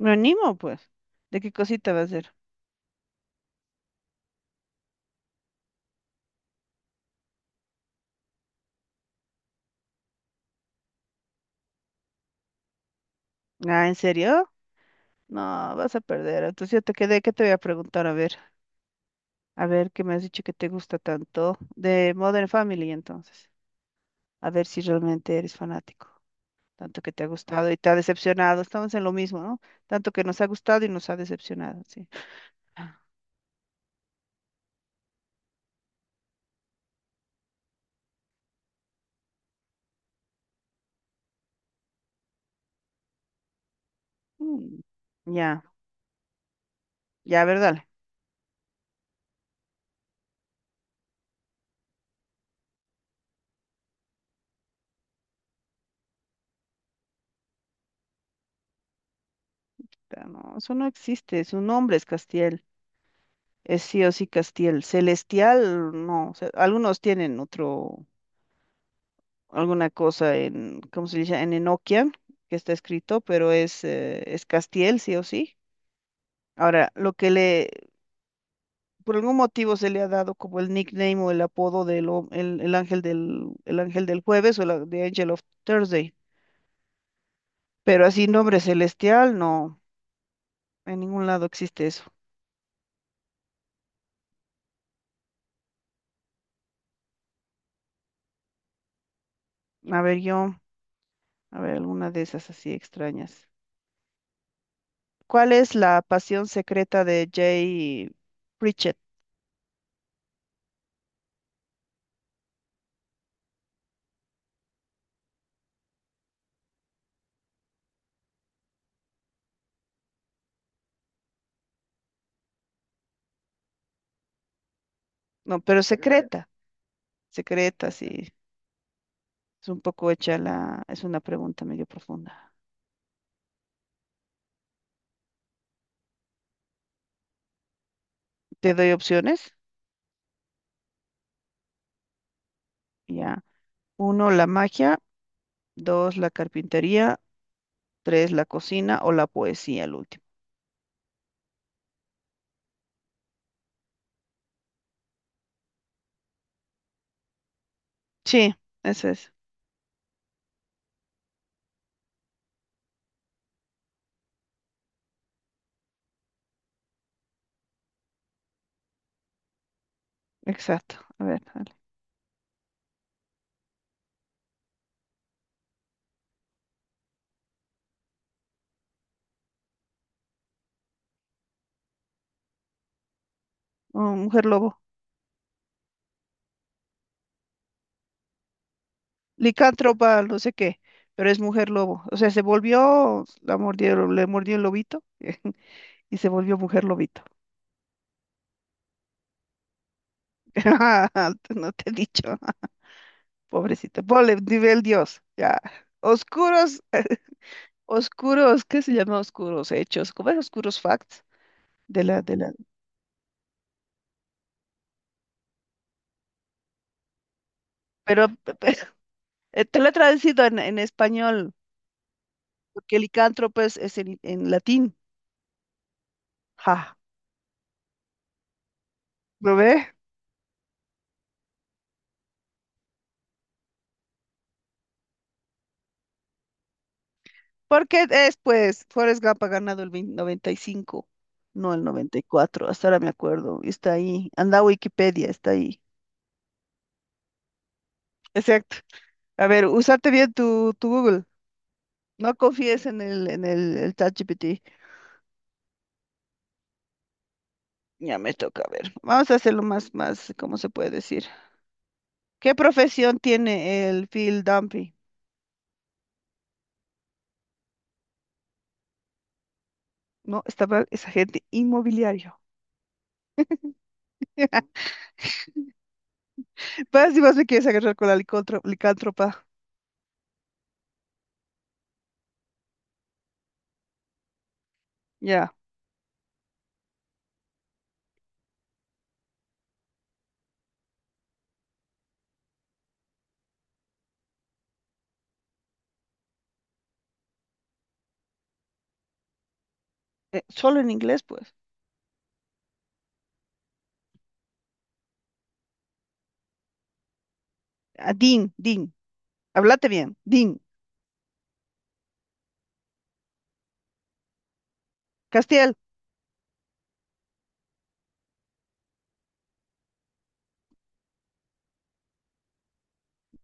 Me animo, pues. ¿De qué cosita va a ser? Ah, ¿en serio? No, vas a perder. Entonces yo te quedé, ¿qué te voy a preguntar? A ver, ¿qué me has dicho que te gusta tanto? De Modern Family, entonces. A ver si realmente eres fanático. Tanto que te ha gustado y te ha decepcionado. Estamos en lo mismo, ¿no? Tanto que nos ha gustado y nos ha decepcionado, sí. Mm, ya, ya, ¿verdad? No, eso no existe. Su nombre es Castiel. Es sí o sí Castiel. Celestial, no. O sea, algunos tienen otro. Alguna cosa en, ¿cómo se dice? En Enoquian, que está escrito, pero es Castiel, sí o sí. Ahora, lo que le, por algún motivo se le ha dado como el nickname o el apodo del el ángel del jueves o The Angel of Thursday. Pero así nombre celestial, no, en ningún lado existe eso. A ver, a ver, alguna de esas así extrañas. ¿Cuál es la pasión secreta de Jay Pritchett? No, pero secreta, secreta, sí. Es un poco es una pregunta medio profunda. Te doy opciones, ya. Uno, la magia. Dos, la carpintería. Tres, la cocina o la poesía, el último. Sí, ese es. Exacto. A ver, dale. Oh, mujer lobo. Licántropa, no sé qué, pero es mujer lobo. O sea, se volvió, la mordió, le mordió el lobito y se volvió mujer lobito. No te he dicho, pobrecita. Ponle nivel Dios, ya. Oscuros Oscuros, ¿qué se llama oscuros hechos? ¿Cómo es oscuros facts? De la, de la, pero, te lo he traducido en, español, porque licántropo es en latín. Ja, ¿lo ve? Porque es, pues, Forrest Gump ha ganado el 20 95, no el 94. Hasta ahora me acuerdo, y está ahí, anda a Wikipedia, está ahí. Exacto. A ver, usate bien tu Google, no confíes en el ChatGPT. Ya me toca, a ver, vamos a hacerlo más, más, ¿cómo se puede decir? ¿Qué profesión tiene el Phil Dunphy? No, estaba esa gente inmobiliario. Pues si vas me quieres agarrar con la licántropa. Ya. Solo en inglés, pues. Ah, Dean, Dean. Háblate bien. Dean. Castiel.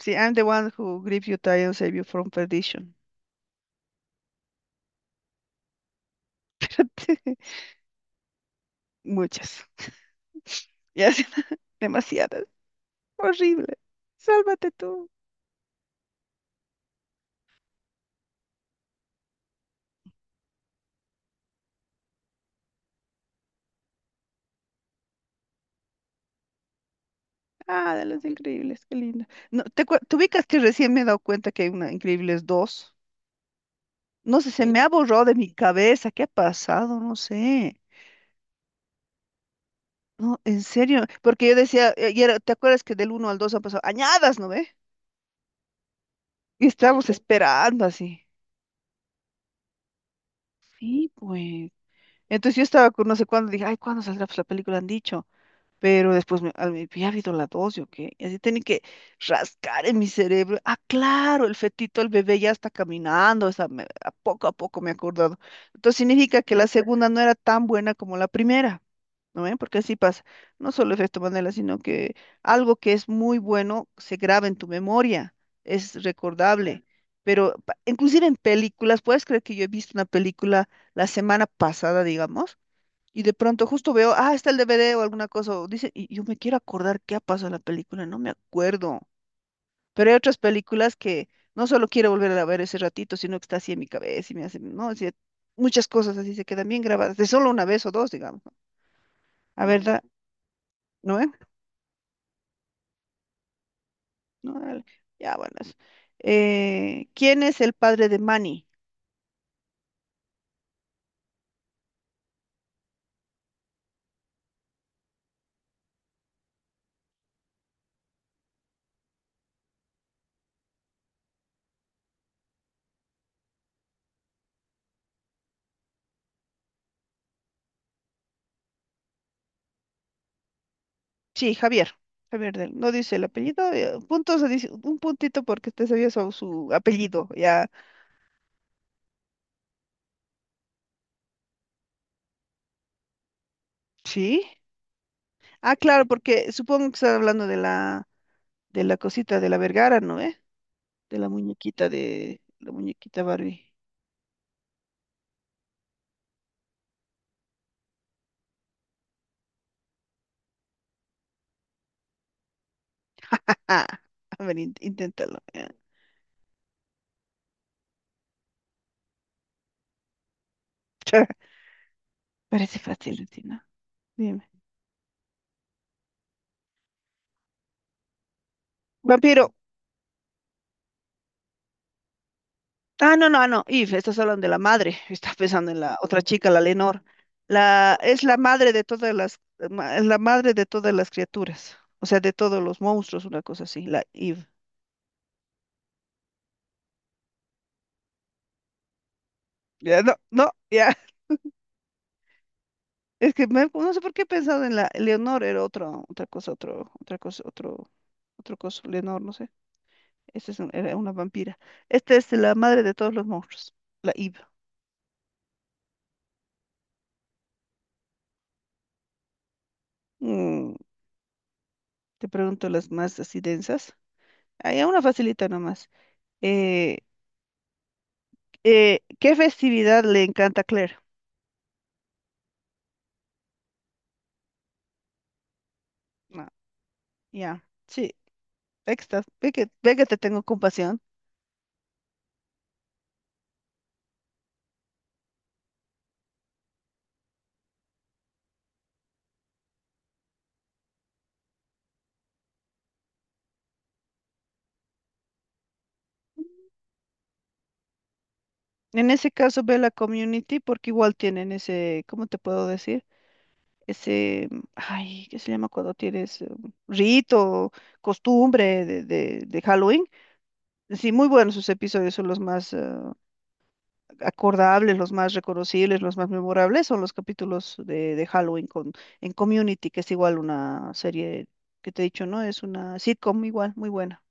Sí, I'm the one who gripped you tie and saved you from perdition. Espérate. Muchas. Ya, sí, demasiadas. Horrible. Sálvate tú. Ah, de los Increíbles. Qué lindo. No, te ubicas que recién me he dado cuenta que hay una Increíbles dos? No sé, se me ha borrado de mi cabeza. ¿Qué ha pasado? No sé. No, en serio. Porque yo decía, ¿te acuerdas que del uno al 2 han pasado añadas? ¿No ve? Y estábamos, sí, esperando así. Sí, pues. Entonces yo estaba con no sé cuándo, dije, ay, ¿cuándo saldrá pues, la película? Han dicho. Pero después me había habido la 2, ¿yo qué? Y así tenía que rascar en mi cerebro. Ah, claro, el fetito, el bebé ya está caminando. O sea, a poco me he acordado. Entonces significa que la segunda no era tan buena como la primera. ¿No ven? Porque así pasa. No solo efecto Mandela, sino que algo que es muy bueno se graba en tu memoria, es recordable. Pero inclusive en películas, puedes creer que yo he visto una película la semana pasada, digamos, y de pronto justo veo, ah, está el DVD o alguna cosa, o dice, y yo me quiero acordar qué ha pasado en la película, no me acuerdo. Pero hay otras películas que no solo quiero volver a ver ese ratito, sino que está así en mi cabeza y me hace, no, así, muchas cosas así se quedan bien grabadas, de solo una vez o dos, digamos, ¿no? A ver, ¿no? ¿Eh? No, dale. Ya, buenas. ¿Quién es el padre de Manny? Sí, Javier. No dice el apellido. Puntos, dice un puntito porque te sabía su apellido, ya. Sí. Ah, claro, porque supongo que están hablando de la, cosita de la Vergara, ¿no? ¿Eh? De la muñequita Barbie. Ah, a ver, inténtalo. Ya. Parece fácil, Tina. Dime. Vampiro. No, no, no, Eve, estás hablando de la madre, estás pensando en la otra chica, la Lenor. Es la madre de todas las, ma- es la madre de todas las criaturas, o sea, de todos los monstruos, una cosa así, la Eve. Ya, no, no, ya, es que no sé por qué he pensado en la Leonor, era otro, otra cosa, otro, otra cosa, otro, otro coso, Leonor, no sé, esta es era una vampira. Esta es la madre de todos los monstruos, la Eve. Mm, Te pregunto las más así densas. Hay una facilita nomás. Eh, ¿Qué festividad le encanta a Claire? Ah, ya, sí, ahí está. Ve que te tengo compasión. En ese caso, ve la community porque igual tienen ese, ¿cómo te puedo decir? Ese, ay, ¿qué se llama cuando tienes rito, costumbre de Halloween? Sí, muy buenos sus episodios, son los más acordables, los más reconocibles, los más memorables, son los capítulos de Halloween en community, que es igual una serie que te he dicho, ¿no? Es una sitcom igual, muy buena.